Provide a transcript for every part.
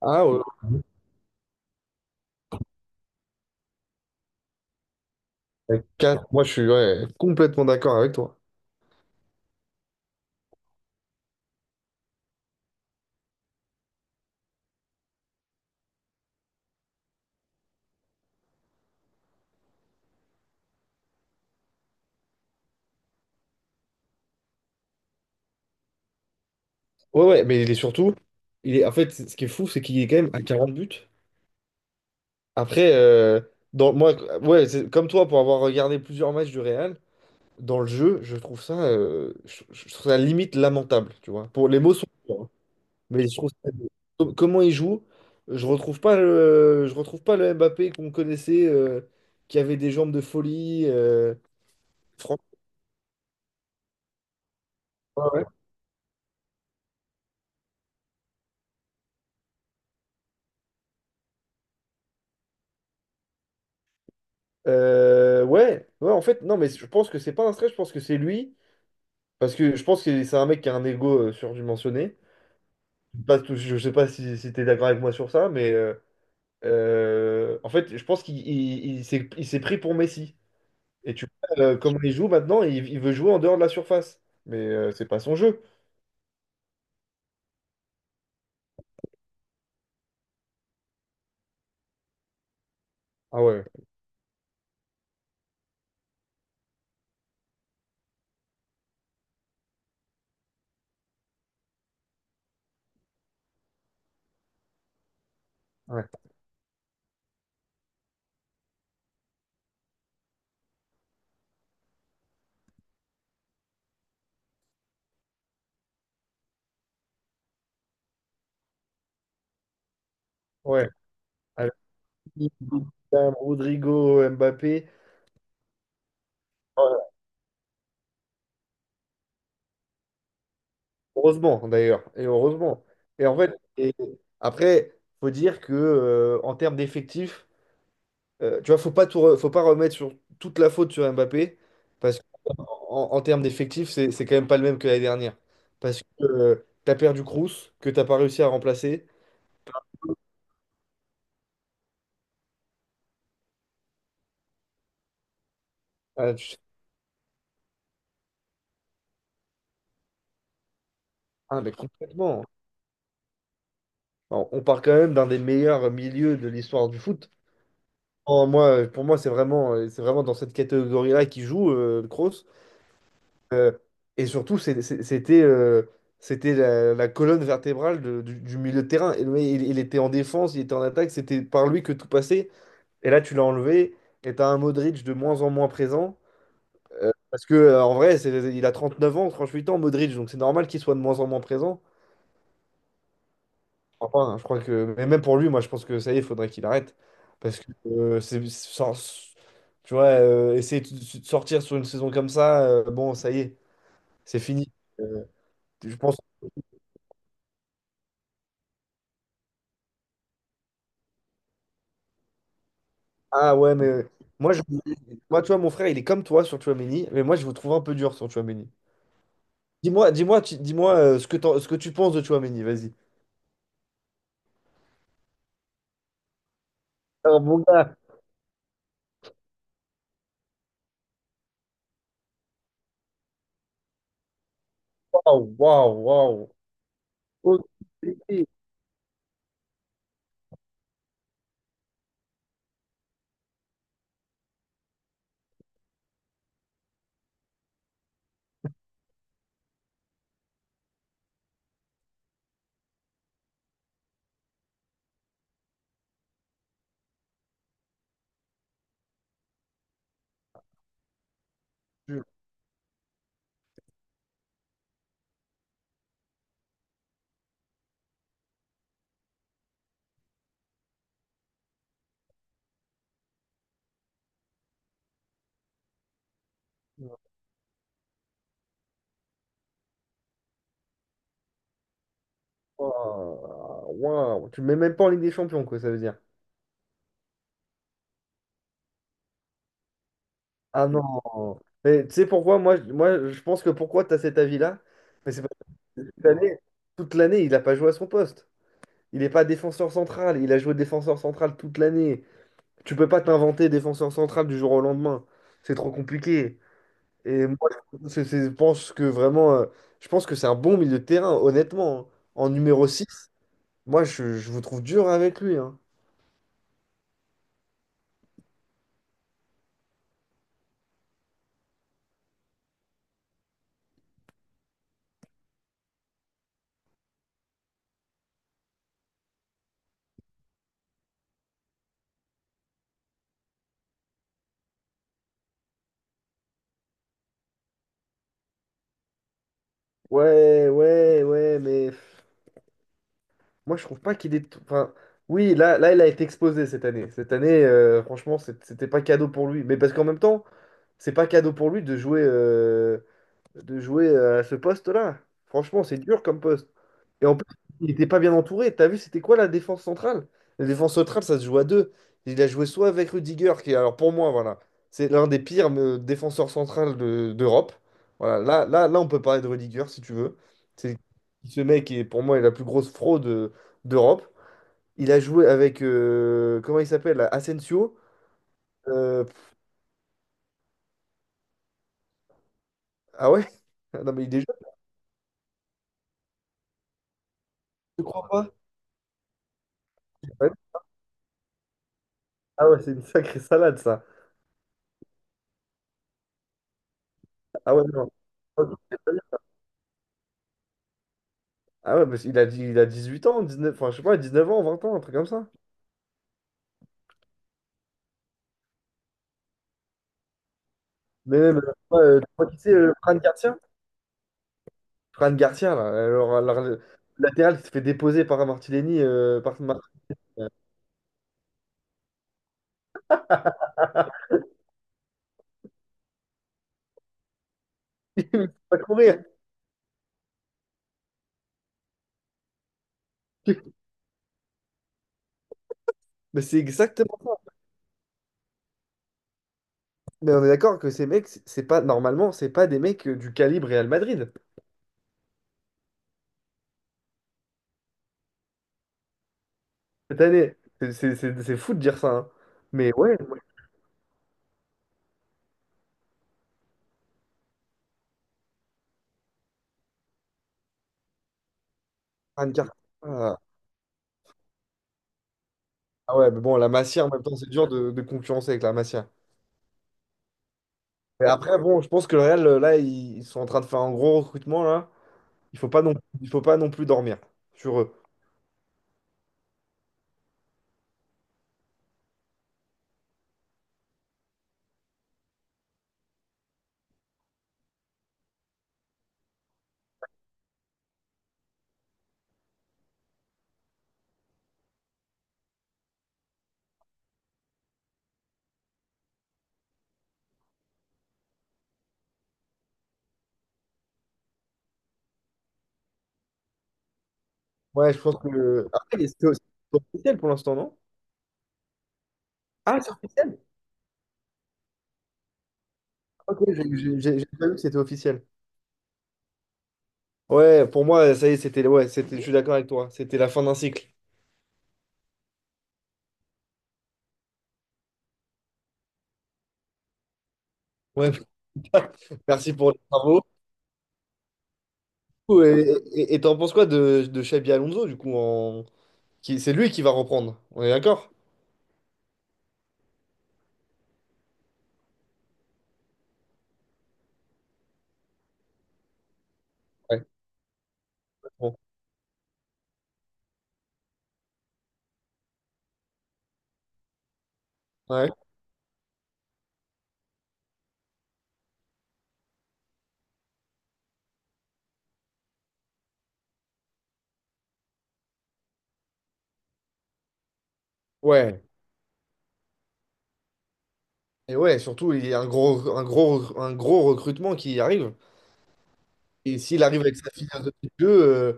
Ah ouais, ouais, moi je suis ouais, complètement d'accord avec toi. Ouais, ouais, mais il est, en fait, ce qui est fou, c'est qu'il est quand même à 40 buts. Après, moi, ouais, c'est comme toi, pour avoir regardé plusieurs matchs du Real, dans le jeu, je trouve ça limite lamentable, tu vois. Les mots sont durs, hein, mais je trouve ça, comment il joue, je retrouve pas le Mbappé qu'on connaissait, qui avait des jambes de folie. Franchement, ouais. Ouais, ouais, en fait, non, mais je pense que c'est pas un stress, je pense que c'est lui, parce que je pense que c'est un mec qui a un ego surdimensionné. Pas tout- Je sais pas si t'es d'accord avec moi sur ça, mais en fait, je pense qu'il s'est pris pour Messi. Et tu vois, comment il joue maintenant, il veut jouer en dehors de la surface, mais c'est pas son jeu. Ah ouais, ouais, ouais. Avec Rodrigo, Mbappé. Oh, heureusement d'ailleurs, et heureusement. Et après, faut dire que en termes d'effectifs, tu vois, faut pas remettre sur toute la faute sur Mbappé, parce qu'en termes d'effectifs, c'est quand même pas le même que l'année dernière. Parce que tu as perdu Kroos, que t'as pas réussi à remplacer. Ah, ah, mais complètement. Alors, on part quand même d'un des meilleurs milieux de l'histoire du foot. Pour moi, c'est vraiment dans cette catégorie-là qu'il joue, Kroos. Euh, et surtout, c'était la colonne vertébrale du milieu de terrain. Et il était en défense, il était en attaque, c'était par lui que tout passait. Et là, tu l'as enlevé, et t'as un Modric de moins en moins présent. Parce que en vrai, il a 39 ans, 38 ans, Modric, donc c'est normal qu'il soit de moins en moins présent. Enfin, je crois que. Mais même pour lui, moi, je pense que ça y est, il faudrait qu'il arrête. Parce que c'est. Sans- Tu vois, essayer de sortir sur une saison comme ça, bon, ça y est, c'est fini. Euh, je pense Ah ouais, mais moi, je. Moi, tu vois, mon frère, il est comme toi sur Tchouaméni, mais moi, je vous trouve un peu dur sur Tchouaméni. Dis-moi, dis-moi, dis-moi ce que ce que tu penses de Tchouaméni, vas-y. Alors, mon gars, waouh, waouh, waouh. Oh, tu- Waouh, waouh. Tu le mets même pas en Ligue des Champions, quoi, ça veut dire. Ah non. Mais tu sais pourquoi, moi, moi, je pense que pourquoi tu as cet avis-là? Mais c'est parce que toute l'année, il n'a pas joué à son poste. Il n'est pas défenseur central. Il a joué défenseur central toute l'année. Tu peux pas t'inventer défenseur central du jour au lendemain. C'est trop compliqué. Et moi, c'est- c'est- je pense que vraiment, euh, je pense que c'est un bon milieu de terrain, honnêtement, hein. En numéro six, moi, je vous trouve dur avec lui, hein. Ouais, ouais, ouais, mais pff, moi, je trouve pas qu'il est. Enfin, oui, là, là, il a été exposé cette année. Cette année, franchement, c'était pas cadeau pour lui. Mais parce qu'en même temps, c'est pas cadeau pour lui de jouer à ce poste-là. Franchement, c'est dur comme poste. Et en plus, il n'était pas bien entouré. T'as vu, c'était quoi la défense centrale? La défense centrale, ça se joue à deux. Il a joué soit avec Rudiger, qui, alors pour moi, voilà, c'est l'un des pires défenseurs centrales d'Europe. Voilà, là, là, là, on peut parler de Rudiger si tu veux. C'est ce mec qui est pour moi est la plus grosse fraude d'Europe. Il a joué avec comment il s'appelle? Asensio. Euh, ah ouais? Non mais il est jeune, je crois pas. Ouais. Ah ouais, c'est une sacrée salade ça. Ah ouais, non. Ah ouais, parce qu'il a 18 ans, 19 enfin, je sais pas, 19 ans, 20 ans, un truc comme ça. Mais même, ouais, tu vois qui c'est Fran Garcia, Fran Garcia, là, alors, le latéral qui se fait déposer par Martinelli, Il peut pas courir. Mais c'est exactement. Mais on est d'accord que ces mecs, c'est pas, normalement, c'est pas des mecs du calibre Real Madrid cette année. C'est fou de dire ça, hein. Mais ouais, moi, Fran Garcia. Ah, ah ouais, mais bon, la Masia, en même temps, c'est dur de concurrencer avec la Masia. Mais après, bon, je pense que le Real, là, ils sont en train de faire un gros recrutement, là. Il faut pas non, il faut pas non plus dormir sur eux. Ouais, je pense que. Après, mais c'est officiel pour l'instant, non? Ah, c'est officiel? Ok, j'ai pas vu que c'était officiel. Ouais, pour moi, ça y est, c'était. Ouais, c'était, je suis d'accord avec toi. C'était la fin d'un cycle. Ouais, merci pour les travaux. Et t'en penses quoi de Xabi Alonso, du coup, en. C'est lui qui va reprendre. On est d'accord? Ouais. Bon. Ouais. Ouais. Et ouais, surtout, il y a un gros, un gros, un gros recrutement qui arrive. Et s'il arrive avec sa philosophie de jeu,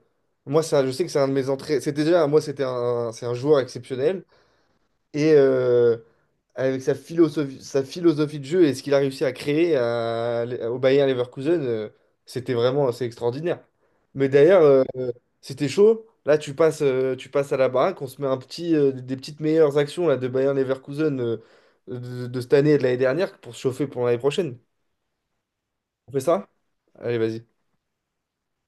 moi, ça, je sais que c'est un de mes entrées. C'était déjà, moi, c'est un joueur exceptionnel. Et avec sa philosophie de jeu et ce qu'il a réussi à créer au Bayer Leverkusen, c'est extraordinaire. Mais d'ailleurs, c'était chaud. Là, tu passes à la baraque, on se met des petites meilleures actions là, de Bayer Leverkusen de cette année et de l'année dernière pour se chauffer pour l'année prochaine. On fait ça? Allez, vas-y.